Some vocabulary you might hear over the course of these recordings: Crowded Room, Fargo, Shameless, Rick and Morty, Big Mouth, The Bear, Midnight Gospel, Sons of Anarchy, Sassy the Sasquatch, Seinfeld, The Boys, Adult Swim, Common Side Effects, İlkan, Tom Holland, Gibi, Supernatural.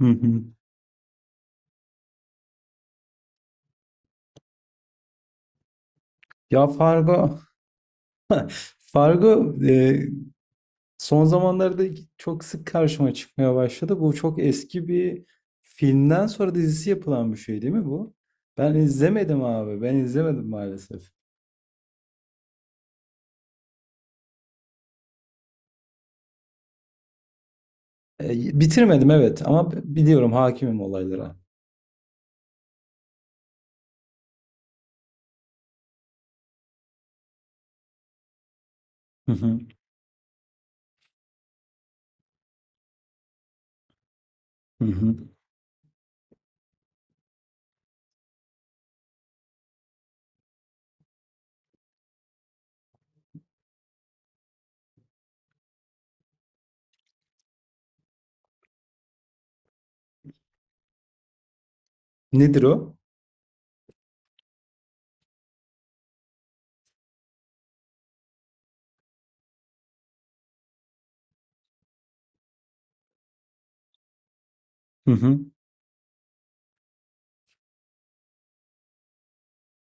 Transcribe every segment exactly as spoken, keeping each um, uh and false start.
Hı hı. Ya Fargo, Fargo e, son zamanlarda çok sık karşıma çıkmaya başladı. Bu çok eski bir filmden sonra dizisi yapılan bir şey değil mi bu? Ben izlemedim abi. Ben izlemedim maalesef. E, Bitirmedim, evet, ama b- biliyorum, hakimim olaylara. Hı hı. Hı hı. Nedir o? Hı hı.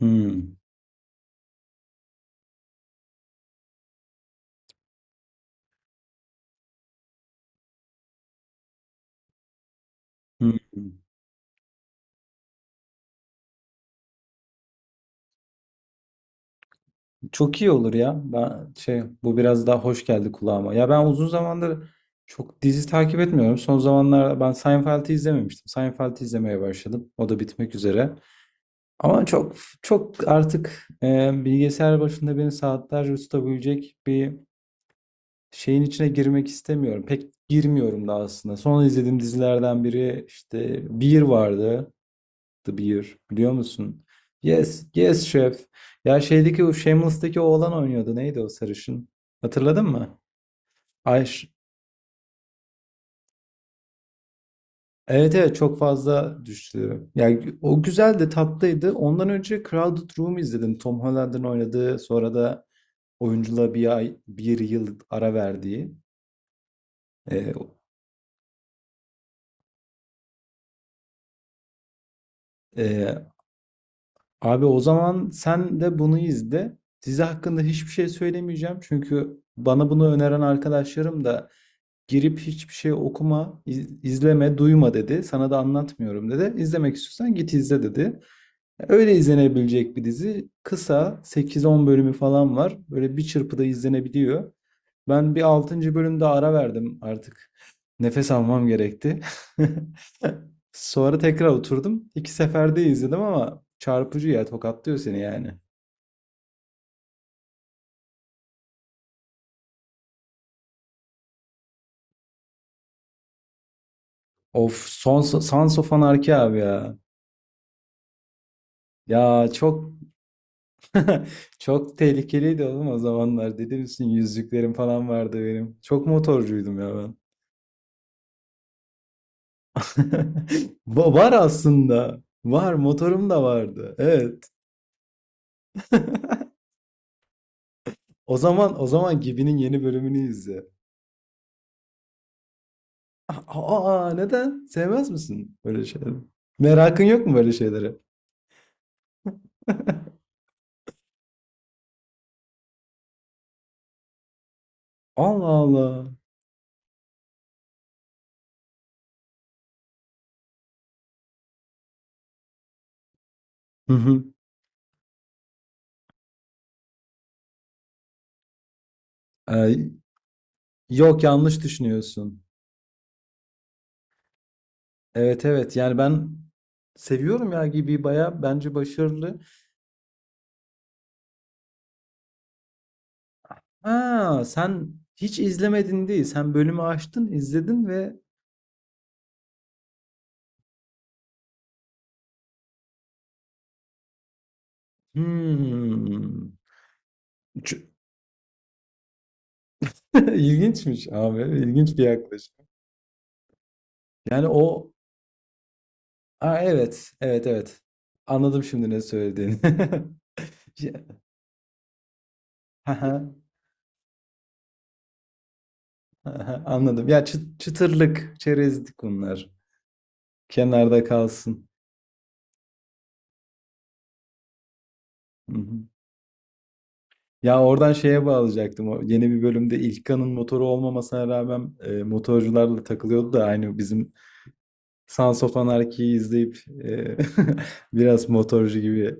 Hı. Hı. Çok iyi olur ya. Ben şey bu biraz daha hoş geldi kulağıma. Ya ben uzun zamandır çok dizi takip etmiyorum. Son zamanlarda ben Seinfeld'i izlememiştim. Seinfeld'i izlemeye başladım. O da bitmek üzere. Ama çok çok artık e, bilgisayar başında beni saatlerce tutabilecek bir şeyin içine girmek istemiyorum. Pek girmiyorum da aslında. Son izlediğim dizilerden biri işte Bir vardı. The Bear, biliyor musun? Yes, yes, chef. Ya şeydeki o Shameless'taki oğlan oynuyordu. Neydi o sarışın? Hatırladın mı? Ay, ş- evet, evet, çok fazla düştü. Yani o güzeldi, tatlıydı. Ondan önce Crowded Room izledim. Tom Holland'ın oynadığı, sonra da oyunculuğa bir ay, bir yıl ara verdiği. Ee, e, Abi, o zaman sen de bunu izle. Dizi hakkında hiçbir şey söylemeyeceğim. Çünkü bana bunu öneren arkadaşlarım da girip hiçbir şey okuma, iz- izleme, duyma dedi. Sana da anlatmıyorum dedi. İzlemek istiyorsan git izle dedi. Öyle izlenebilecek bir dizi. Kısa, sekiz on bölümü falan var. Böyle bir çırpıda izlenebiliyor. Ben bir altıncı bölümde ara verdim artık. Nefes almam gerekti. Sonra tekrar oturdum. İki seferde izledim ama çarpıcı ya, tokatlıyor seni yani. Of, Sons Sons of Anarchy abi ya. Ya çok Çok tehlikeliydi oğlum o zamanlar. Deli misin? Yüzüklerim falan vardı benim. Çok motorcuydum ya ben. Va- Var aslında. Var, motorum da vardı. Evet. O zaman o zaman Gibi'nin yeni bölümünü izle. Aa, aa, neden? Sevmez misin böyle şeyleri? Merakın yok mu böyle şeylere? Allah Allah. Hı hı. Ee, Yok, yanlış düşünüyorsun. Evet, evet, yani ben seviyorum ya, Gibi baya bence başarılı. Ha, sen hiç izlemedin değil. Sen bölümü açtın, izledin ve hmm. Ç- İlginçmiş abi. İlginç bir yaklaşım. Yani o, ha, evet, evet, evet. Anladım şimdi ne söylediğini. Ya, haha, haha, anladım. Ya, çı- çıtırlık, çerezlik bunlar. Kenarda kalsın. Hı hı. Ya, oradan şeye bağlayacaktım. O yeni bir bölümde İlkan'ın motoru olmamasına rağmen e, motorcularla takılıyordu da aynı bizim Sons of Anarchy'yi izleyip e, biraz motorcu gibi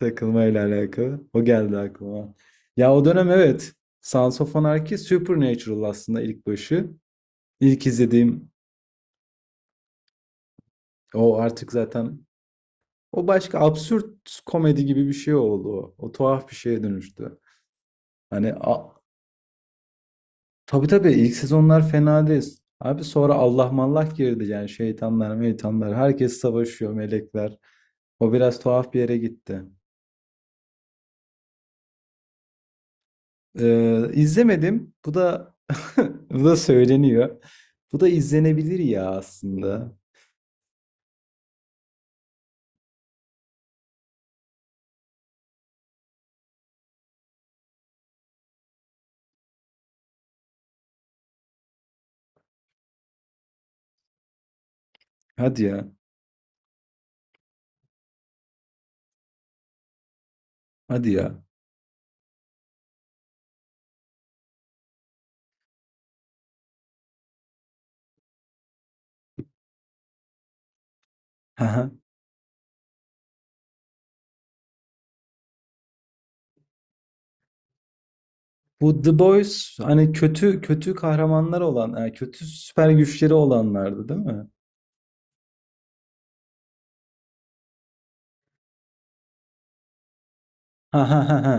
takılmayla alakalı. O geldi aklıma. Ya o dönem evet. Sons of Anarchy Supernatural aslında ilk başı. İlk izlediğim o artık zaten, o başka absürt komedi gibi bir şey oldu. O, o tuhaf bir şeye dönüştü. Hani, a, tabii, tabii, ilk sezonlar fena değil. Abi sonra Allah mallak girdi yani, şeytanlar meytanlar herkes savaşıyor, melekler. O biraz tuhaf bir yere gitti. Eee, izlemedim. Bu da bu da söyleniyor. Bu da izlenebilir ya aslında. Hadi ya. Hadi ya. Haha. Bu The Boys hani kötü kötü kahramanlar olan, yani kötü süper güçleri olanlardı değil mi? Ha ha ha ha.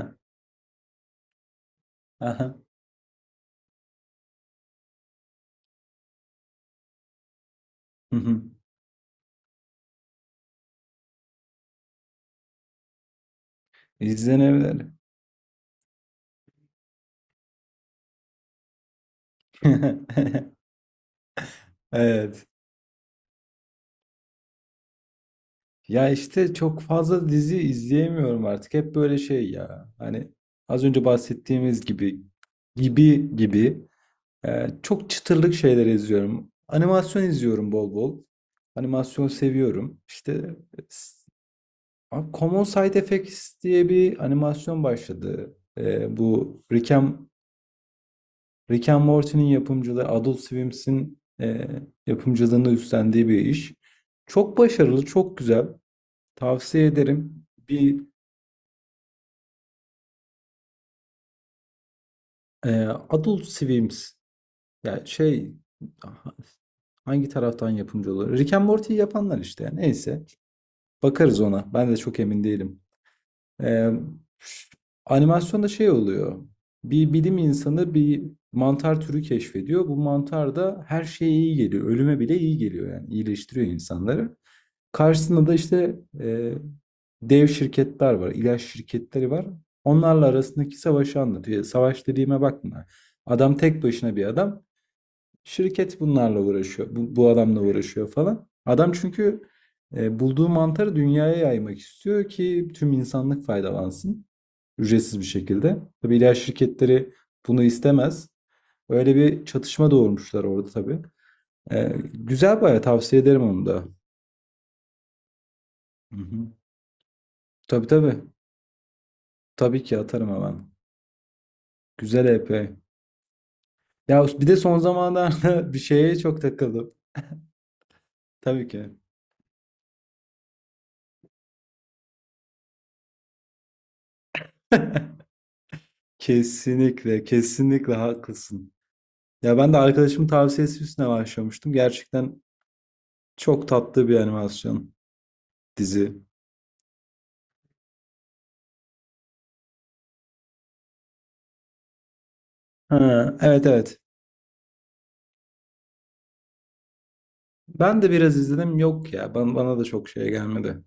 Aha. Hı hı. İzlenebilir. Evet. Ya işte, çok fazla dizi izleyemiyorum artık. Hep böyle şey ya. Hani, az önce bahsettiğimiz gibi gibi gibi. Ee, çok çıtırlık şeyler izliyorum. Animasyon izliyorum bol bol. Animasyon seviyorum. İşte, e, s- abi, Common Side Effects diye bir animasyon başladı. Ee, bu, Rick and, Rick and Morty'nin yapımcılığı, Adult Swim'in e, yapımcılığını üstlendiği bir iş. Çok başarılı, çok güzel. Tavsiye ederim. Bir e, Adult Swim, yani şey, hangi taraftan yapımcı olur? Rick and Morty'yi yapanlar işte. Neyse. Bakarız ona. Ben de çok emin değilim. Ee, Animasyonda şey oluyor. Bir bilim insanı bir mantar türü keşfediyor. Bu mantar da her şeye iyi geliyor. Ölüme bile iyi geliyor yani. İyileştiriyor insanları. Karşısında da işte, e, dev şirketler var, İlaç şirketleri var. Onlarla arasındaki savaşı anlatıyor. Savaş dediğime bakma. Adam tek başına bir adam. Şirket bunlarla uğraşıyor. Bu, bu adamla uğraşıyor falan. Adam çünkü e, bulduğu mantarı dünyaya yaymak istiyor ki tüm insanlık faydalansın. Ücretsiz bir şekilde. Tabii ilaç şirketleri bunu istemez. Öyle bir çatışma doğurmuşlar orada tabii. E, güzel, bayağı tavsiye ederim onu da. Hı hı. Tabii tabii. Tabii ki atarım hemen. Güzel E P. Ya bir de son zamanlarda bir şeye çok takıldım. Tabii ki. Kesinlikle, kesinlikle haklısın. Ya ben de arkadaşımın tavsiyesi üstüne başlamıştım. Gerçekten çok tatlı bir animasyon dizi. Ha, evet, evet. Ben de biraz izledim. Yok ya. Bana, bana da çok şey gelmedi.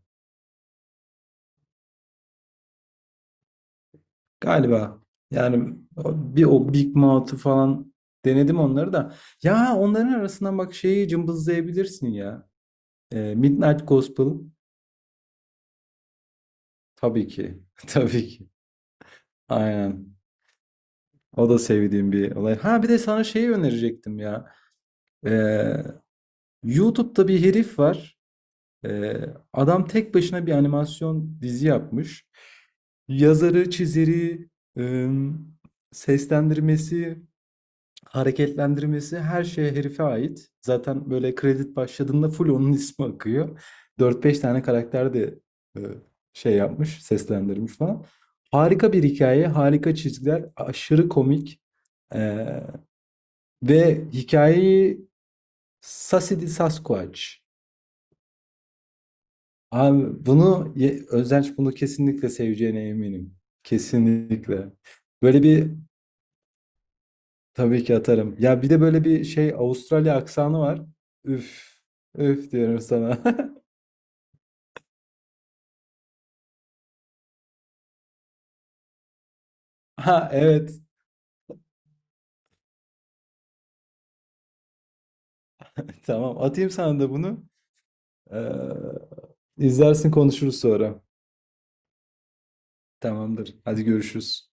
Galiba. Yani, o- bir o Big Mouth'u falan denedim, onları da. Ya, onların arasından bak şeyi cımbızlayabilirsin ya. Ee, Midnight Gospel. Tabii ki. Tabii ki. Aynen. O da sevdiğim bir olay. Ha, bir de sana şeyi önerecektim ya. Ee, YouTube'da bir herif var. Ee, Adam tek başına bir animasyon dizi yapmış. Yazarı, çizeri, ım, seslendirmesi, hareketlendirmesi, her şey herife ait. Zaten böyle kredi başladığında full onun ismi akıyor. Dört beş tane karakter de e, şey yapmış, seslendirmiş falan. Harika bir hikaye, harika çizgiler, aşırı komik. Ee, Ve hikayeyi, Sassy the Sasquatch. Abi, bunu Ye- Özdenç bunu kesinlikle seveceğine eminim. Kesinlikle. Böyle bir, tabii ki atarım. Ya bir de böyle bir şey, Avustralya aksanı var. Üf. Üf diyorum sana. Ha, evet. Tamam. Atayım sana da bunu. Ee, izlersin konuşuruz sonra. Tamamdır. Hadi görüşürüz.